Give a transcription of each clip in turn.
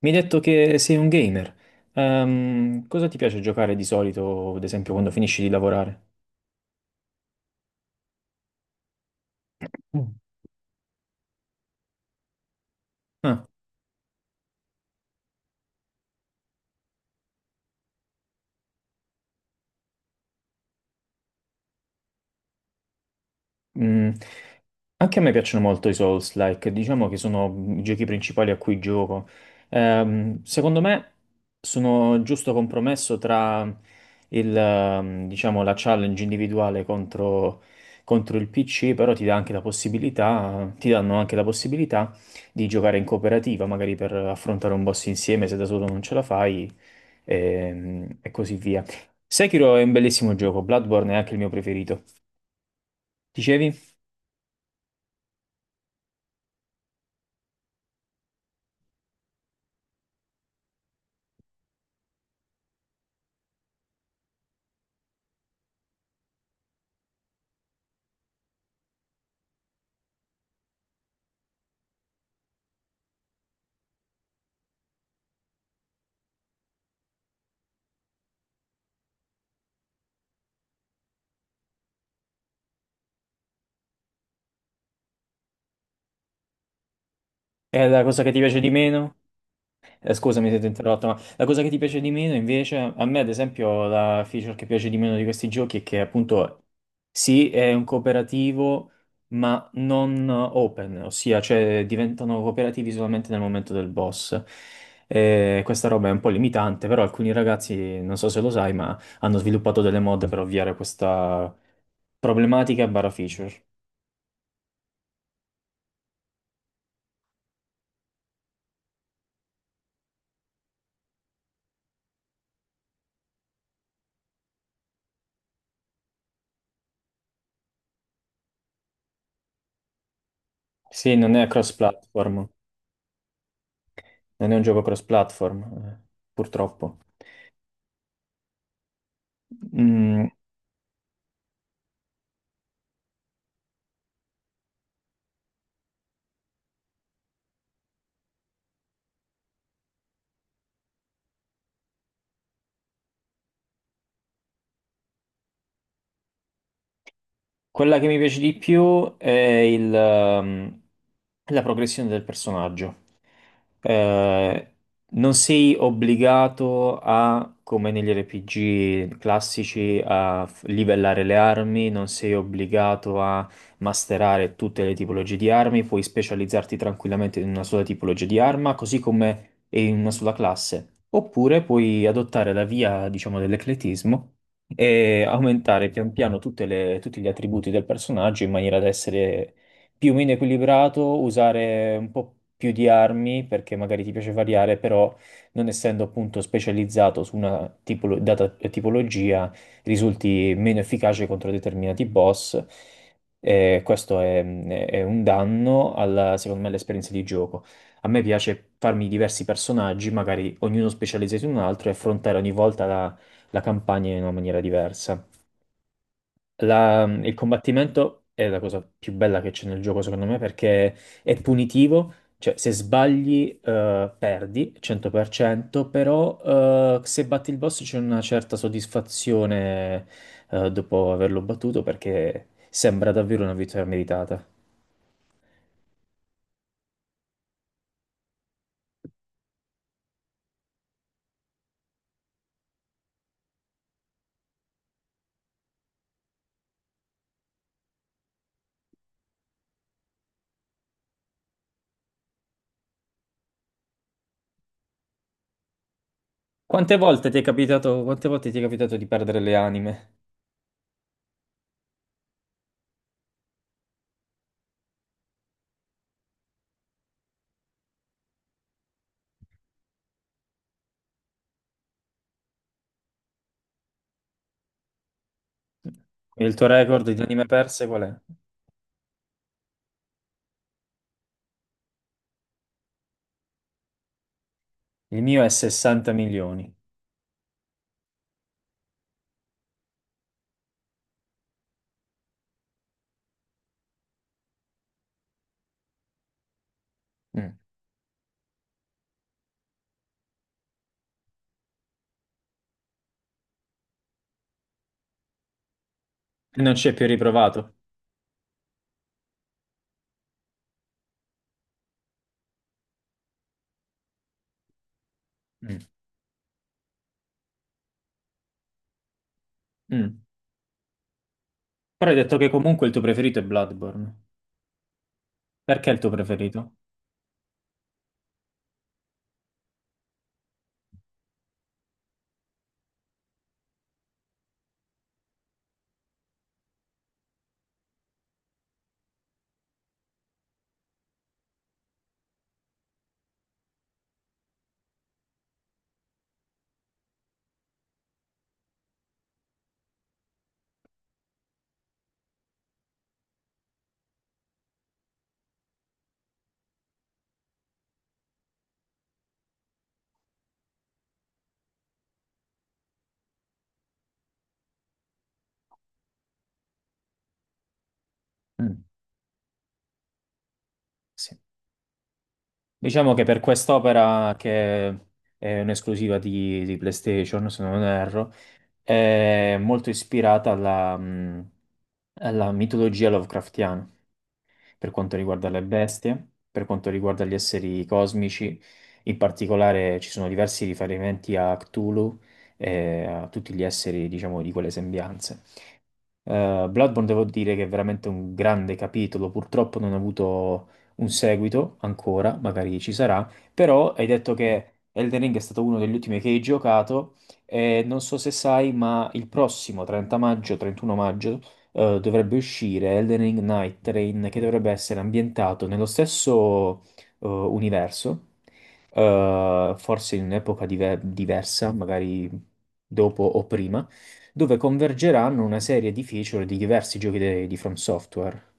Mi hai detto che sei un gamer. Cosa ti piace giocare di solito, ad esempio, quando finisci di lavorare? Mm. Ah. Mm. Anche a me piacciono molto i Souls-like, diciamo che sono i giochi principali a cui gioco. Secondo me sono il giusto compromesso tra diciamo, la challenge individuale contro il PC, però ti dà anche la possibilità, ti danno anche la possibilità di giocare in cooperativa, magari per affrontare un boss insieme se da solo non ce la fai, e così via. Sekiro è un bellissimo gioco, Bloodborne è anche il mio preferito. Dicevi? È la cosa che ti piace di meno? Scusami se ti ho interrotto, ma la cosa che ti piace di meno invece, a me ad esempio la feature che piace di meno di questi giochi è che appunto sì, è un cooperativo, ma non open, ossia cioè diventano cooperativi solamente nel momento del boss. Questa roba è un po' limitante, però alcuni ragazzi, non so se lo sai, ma hanno sviluppato delle mod per ovviare questa problematica barra feature. Sì, non è cross-platform, non è un gioco cross-platform, purtroppo. Mm, quella che mi piace di più è la progressione del personaggio. Eh, non sei obbligato a, come negli RPG classici, a livellare le armi, non sei obbligato a masterare tutte le tipologie di armi, puoi specializzarti tranquillamente in una sola tipologia di arma, così come in una sola classe. Oppure puoi adottare la via, diciamo, dell'ecletismo e aumentare pian piano tutti gli attributi del personaggio in maniera da essere più o meno equilibrato, usare un po' più di armi perché magari ti piace variare, però non essendo appunto specializzato su una data tipologia, risulti meno efficace contro determinati boss. E questo è un danno alla, secondo me, all'esperienza di gioco. A me piace farmi diversi personaggi, magari ognuno specializzato in un altro, e affrontare ogni volta la campagna in una maniera diversa. Il combattimento è la cosa più bella che c'è nel gioco, secondo me, perché è punitivo, cioè se sbagli perdi 100%, però se batti il boss c'è una certa soddisfazione dopo averlo battuto perché sembra davvero una vittoria meritata. Quante volte ti è capitato di perdere le anime? Il tuo record di anime perse qual è? Il mio è 60 milioni. Mm. E non ci è più riprovato. Mm. Mm. Però hai detto che comunque il tuo preferito è Bloodborne. Perché è il tuo preferito? Mm, sì. Diciamo che per quest'opera, che è un'esclusiva di PlayStation, se non erro, è molto ispirata alla, alla mitologia Lovecraftiana, per quanto riguarda le bestie, per quanto riguarda gli esseri cosmici. In particolare ci sono diversi riferimenti a Cthulhu e a tutti gli esseri, diciamo, di quelle sembianze. Bloodborne devo dire che è veramente un grande capitolo, purtroppo non ha avuto un seguito ancora, magari ci sarà, però hai detto che Elden Ring è stato uno degli ultimi che hai giocato e non so se sai, ma il prossimo 30 maggio, 31 maggio, dovrebbe uscire Elden Ring Night Train che dovrebbe essere ambientato nello stesso universo, forse in un'epoca diversa, magari dopo o prima dove convergeranno una serie di feature di diversi giochi di From Software.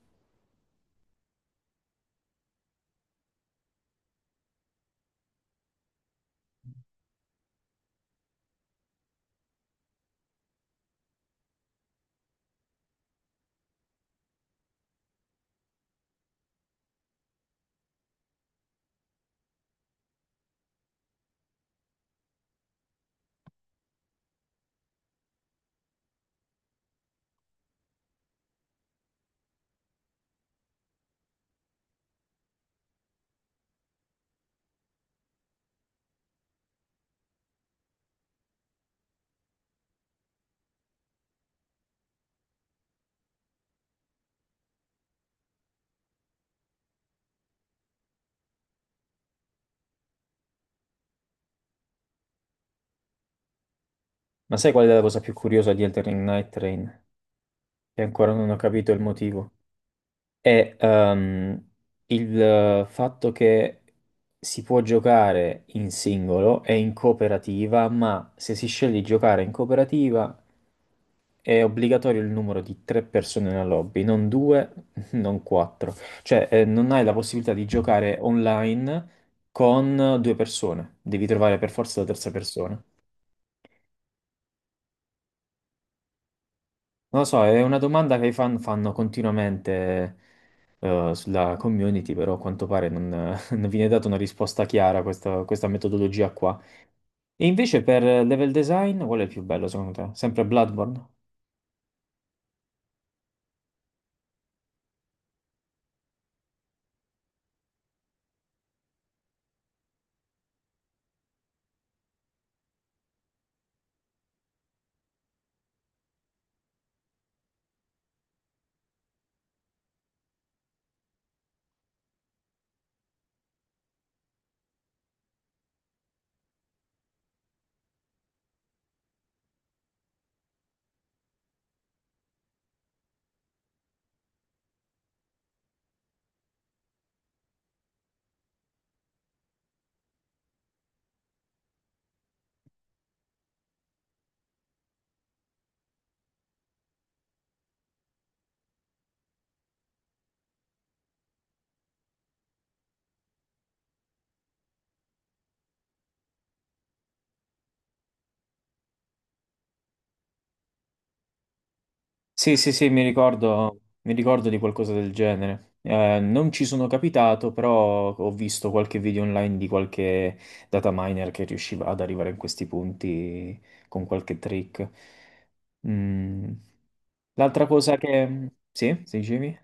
Ma sai qual è la cosa più curiosa di Elden Ring Night Train? Che ancora non ho capito il motivo. È il fatto che si può giocare in singolo e in cooperativa, ma se si sceglie di giocare in cooperativa è obbligatorio il numero di 3 persone nella lobby, non due, non quattro. Cioè, non hai la possibilità di giocare online con 2 persone, devi trovare per forza la terza persona. Non lo so, è una domanda che i fan fanno continuamente sulla community, però a quanto pare non, non viene data una risposta chiara a questa metodologia qua. E invece per level design, qual è il più bello secondo te? Sempre Bloodborne? Sì, sì, sì, mi ricordo di qualcosa del genere. Non ci sono capitato, però ho visto qualche video online di qualche data miner che riusciva ad arrivare in questi punti con qualche trick. Mm. L'altra cosa che... Sì, si dicevi?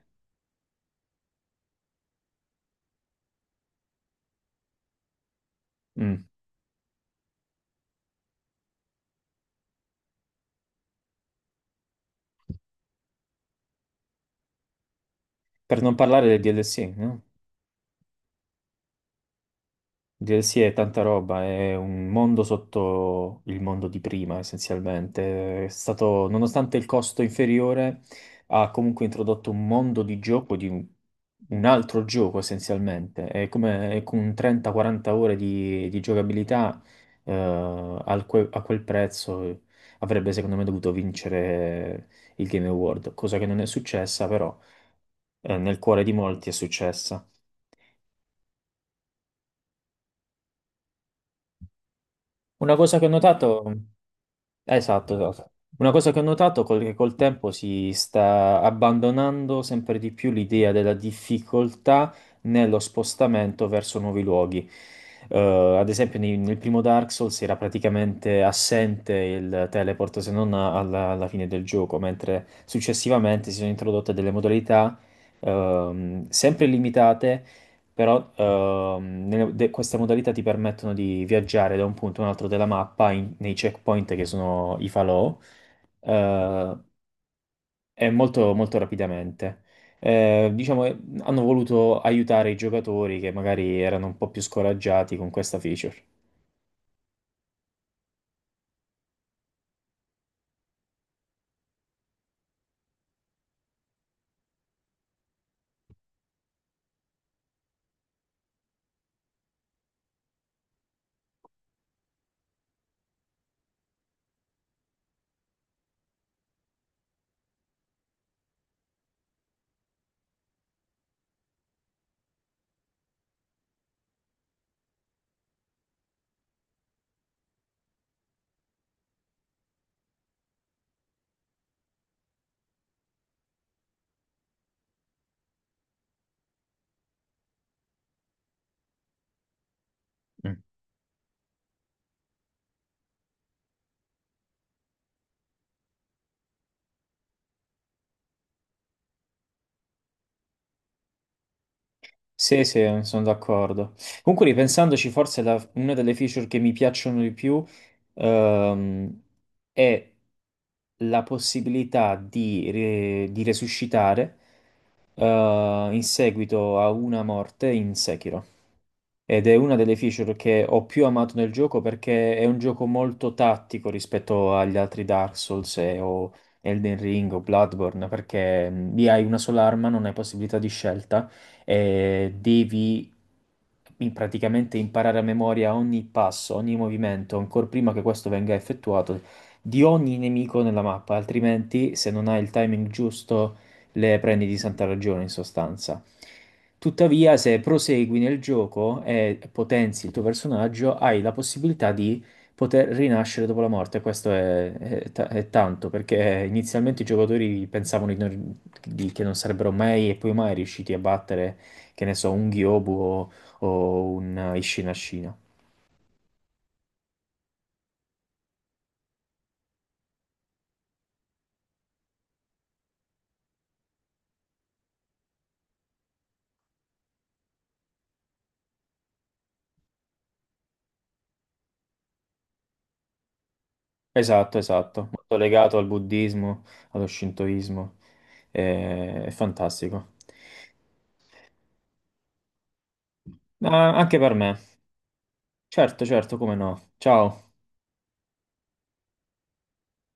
Mm. Per non parlare del DLC, no? DLC è tanta roba, è un mondo sotto il mondo di prima, essenzialmente. È stato, nonostante il costo inferiore, ha comunque introdotto un mondo di gioco, di un altro gioco essenzialmente. È come è con 30-40 ore di giocabilità, eh, al a quel prezzo avrebbe secondo me dovuto vincere il Game Award, cosa che non è successa, però nel cuore di molti è successa. Una cosa che ho notato. Esatto, esatto. Una cosa che ho notato è che col tempo si sta abbandonando sempre di più l'idea della difficoltà nello spostamento verso nuovi luoghi. Eh, ad esempio, nel primo Dark Souls era praticamente assente il teleport se non alla fine del gioco, mentre successivamente si sono introdotte delle modalità sempre limitate però queste modalità ti permettono di viaggiare da un punto a un altro della mappa nei checkpoint che sono i falò eh, e molto, molto rapidamente. Diciamo, hanno voluto aiutare i giocatori che magari erano un po' più scoraggiati con questa feature. Mm. Sì, sì, sono d'accordo. Comunque, ripensandoci, forse una delle feature che mi piacciono di più, ehm, è la possibilità di, di resuscitare in seguito a una morte in Sekiro. Ed è una delle feature che ho più amato nel gioco perché è un gioco molto tattico rispetto agli altri Dark Souls o Elden Ring o Bloodborne, perché lì hai una sola arma, non hai possibilità di scelta e devi praticamente imparare a memoria ogni passo, ogni movimento, ancora prima che questo venga effettuato, di ogni nemico nella mappa, altrimenti se non hai il timing giusto le prendi di santa ragione in sostanza. Tuttavia, se prosegui nel gioco e potenzi il tuo personaggio, hai la possibilità di poter rinascere dopo la morte. Questo è è tanto, perché inizialmente i giocatori pensavano di che non sarebbero mai e poi mai riusciti a battere, che ne so, un Gyobu o un Ishina Ashina. Esatto, esatto, molto legato al buddismo, allo shintoismo. È fantastico. Ma anche per me. Certo, certo, come no. Ciao.